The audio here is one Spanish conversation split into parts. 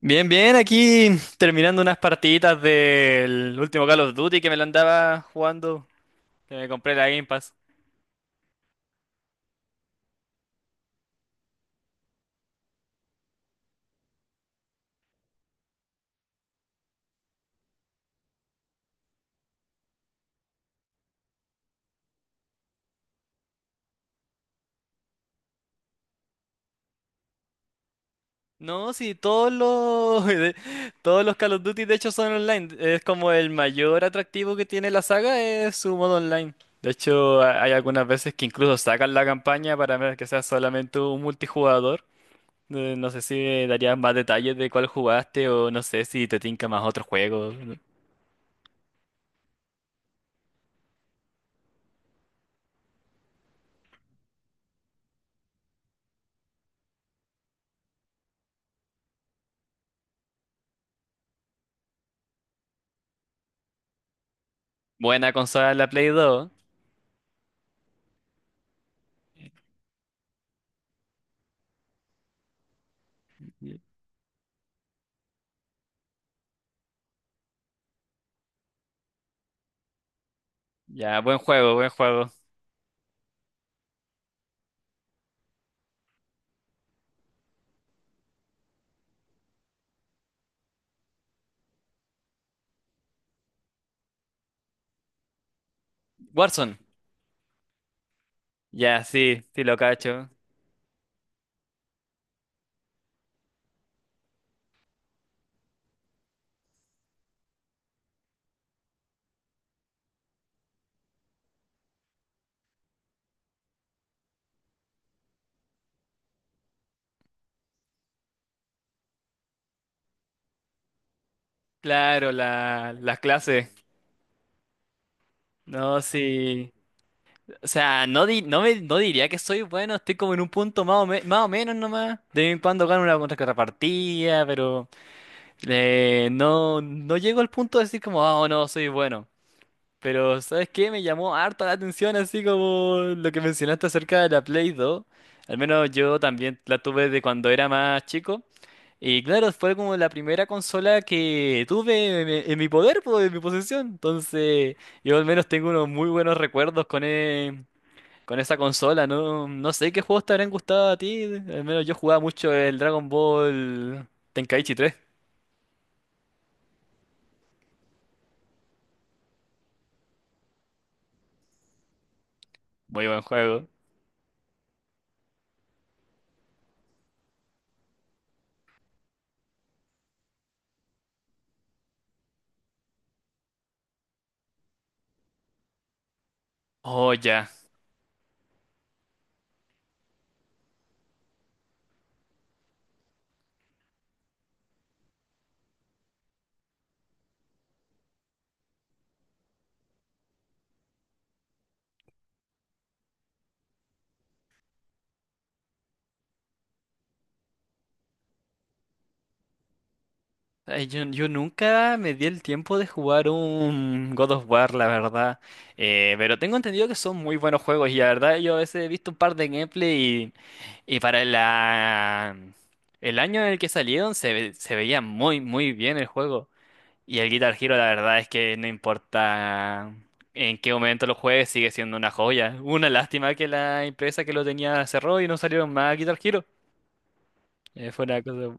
Bien, bien, aquí terminando unas partiditas del último Call of Duty que me lo andaba jugando, que me compré la Game Pass. No, sí, todos los todos los Call of Duty de hecho son online. Es como el mayor atractivo que tiene la saga es su modo online. De hecho, hay algunas veces que incluso sacan la campaña para ver que sea solamente un multijugador. No sé si darías más detalles de cuál jugaste o no sé si te tinca más otro juego. Buena consola la Play 2. Ya, buen juego, buen juego. Warzone. Ya, sí, sí lo cacho. Claro, la, las clases. No, sí. O sea, no, no, no diría que soy bueno, estoy como en un punto más o, más o menos nomás. De vez en cuando gano una contrapartida, pero no, no llego al punto de decir como, ah, oh, no, soy bueno. Pero, ¿sabes qué? Me llamó harta la atención, así como lo que mencionaste acerca de la Play 2. Al menos yo también la tuve de cuando era más chico. Y claro, fue como la primera consola que tuve en mi poder, pues, en mi posesión. Entonces, yo al menos tengo unos muy buenos recuerdos con, con esa consola. No, no sé qué juegos te habrán gustado a ti. Al menos yo jugaba mucho el Dragon Ball Tenkaichi tres. Muy buen juego. Oh, ya. Ay, yo nunca me di el tiempo de jugar un God of War, la verdad. Pero tengo entendido que son muy buenos juegos y la verdad yo a veces he visto un par de gameplay y para el año en el que salieron se veía muy muy bien el juego. Y el Guitar Hero la verdad es que no importa en qué momento lo juegues, sigue siendo una joya. Una lástima que la empresa que lo tenía cerró y no salieron más Guitar Hero. Fue una cosa...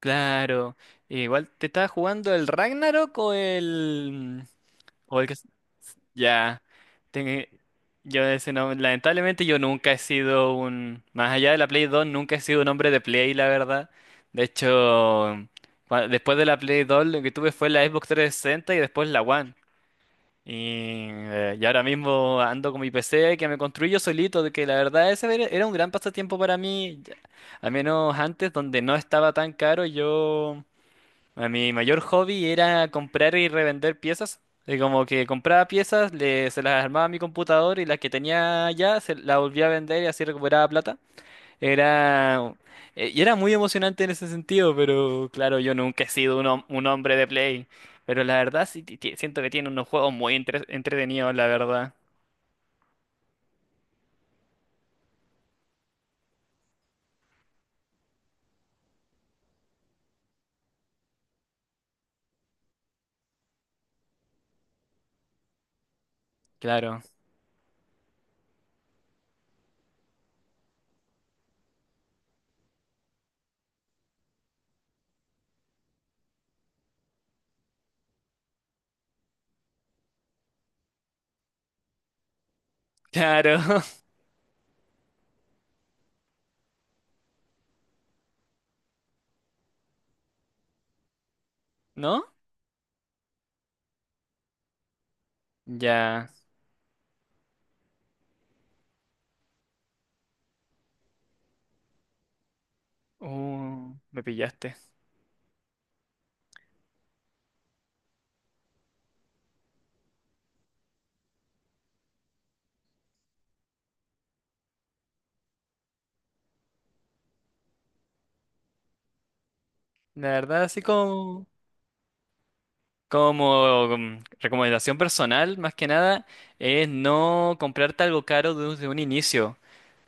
Claro. Igual, ¿te estaba jugando el Ragnarok o el que... Ya. Ten- Yo ese no... Lamentablemente yo nunca he sido un... Más allá de la Play 2, nunca he sido un hombre de Play, la verdad. De hecho, después de la Play 2 lo que tuve fue la Xbox 360 y después la One. Y ahora mismo ando con mi PC que me construí yo solito, de que la verdad ese era un gran pasatiempo para mí. Ya- Al menos antes, donde no estaba tan caro, yo... A mi mayor hobby era comprar y revender piezas. Y como que compraba piezas, se las armaba a mi computador y las que tenía ya se las volvía a vender y así recuperaba plata. Era, y era muy emocionante en ese sentido, pero claro, yo nunca he sido un, un hombre de Play. Pero la verdad sí siento que tiene unos juegos muy entretenidos, la verdad. Claro, claro, ¿no? Ya. Me pillaste. La verdad, así como... Como recomendación personal, más que nada, es no comprarte algo caro desde un inicio,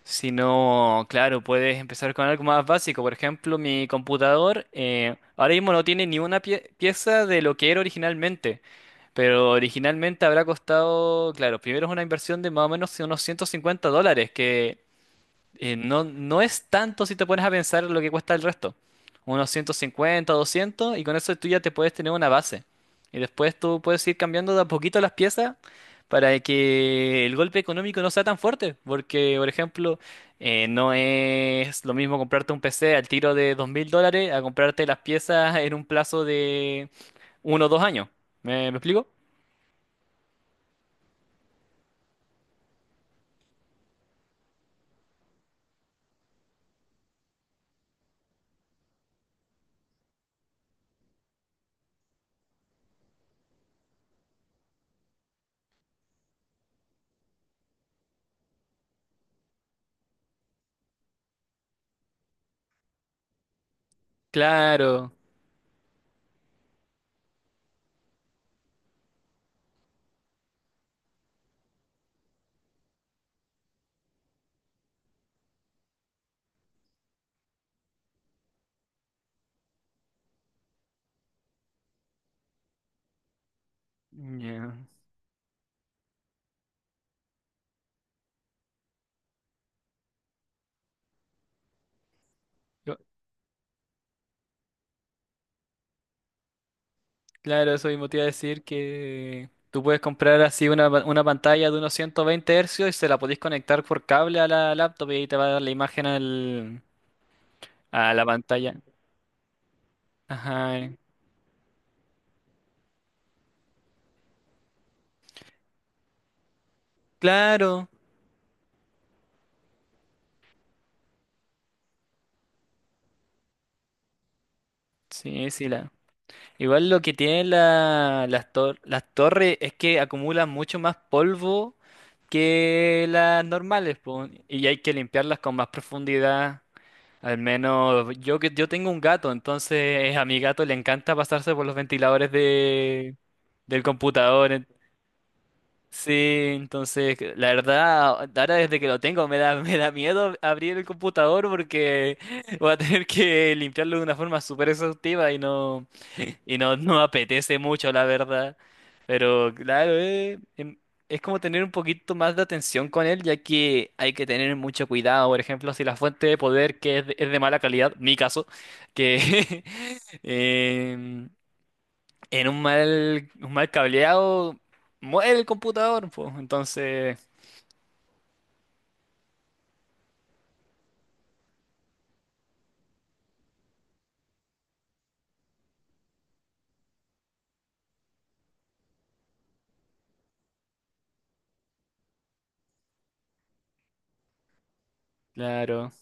sino, claro, puedes empezar con algo más básico. Por ejemplo, mi computador ahora mismo no tiene ni una pieza de lo que era originalmente, pero originalmente habrá costado, claro, primero es una inversión de más o menos unos $150, que no, no es tanto si te pones a pensar lo que cuesta el resto. Unos 150, 200 y con eso tú ya te puedes tener una base. Y después tú puedes ir cambiando de a poquito las piezas para que el golpe económico no sea tan fuerte. Porque, por ejemplo, no es lo mismo comprarte un PC al tiro de $2,000 a comprarte las piezas en un plazo de uno o dos años. Me explico? Claro. Ya. Claro, eso mismo te iba a decir que tú puedes comprar así una pantalla de unos 120 hercios y se la podéis conectar por cable a la laptop y ahí te va a dar la imagen a la pantalla. Ajá. Claro. Sí, sí, la. Igual lo que tienen las torres es que acumulan mucho más polvo que las normales, po, y hay que limpiarlas con más profundidad. Al menos yo tengo un gato, entonces a mi gato le encanta pasarse por los ventiladores de del computador. En- Sí, entonces la verdad, ahora desde que lo tengo me da me da miedo abrir el computador porque voy a tener que limpiarlo de una forma súper exhaustiva y no, no me apetece mucho, la verdad. Pero claro, es como tener un poquito más de atención con él, ya que hay que tener mucho cuidado. Por ejemplo, si la fuente de poder que es es de mala calidad, mi caso, que em, en un mal cableado muere el computador, pues. Entonces, claro,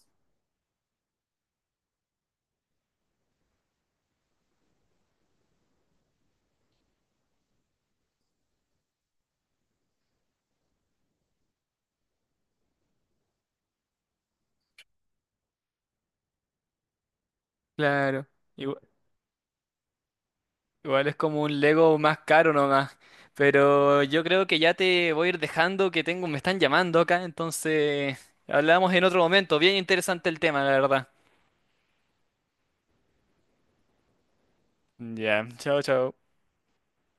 claro. Igual es como un Lego más caro nomás. Pero yo creo que ya te voy a ir dejando, que tengo, me están llamando acá, entonces hablamos en otro momento. Bien interesante el tema, la verdad. Ya, chao, chao.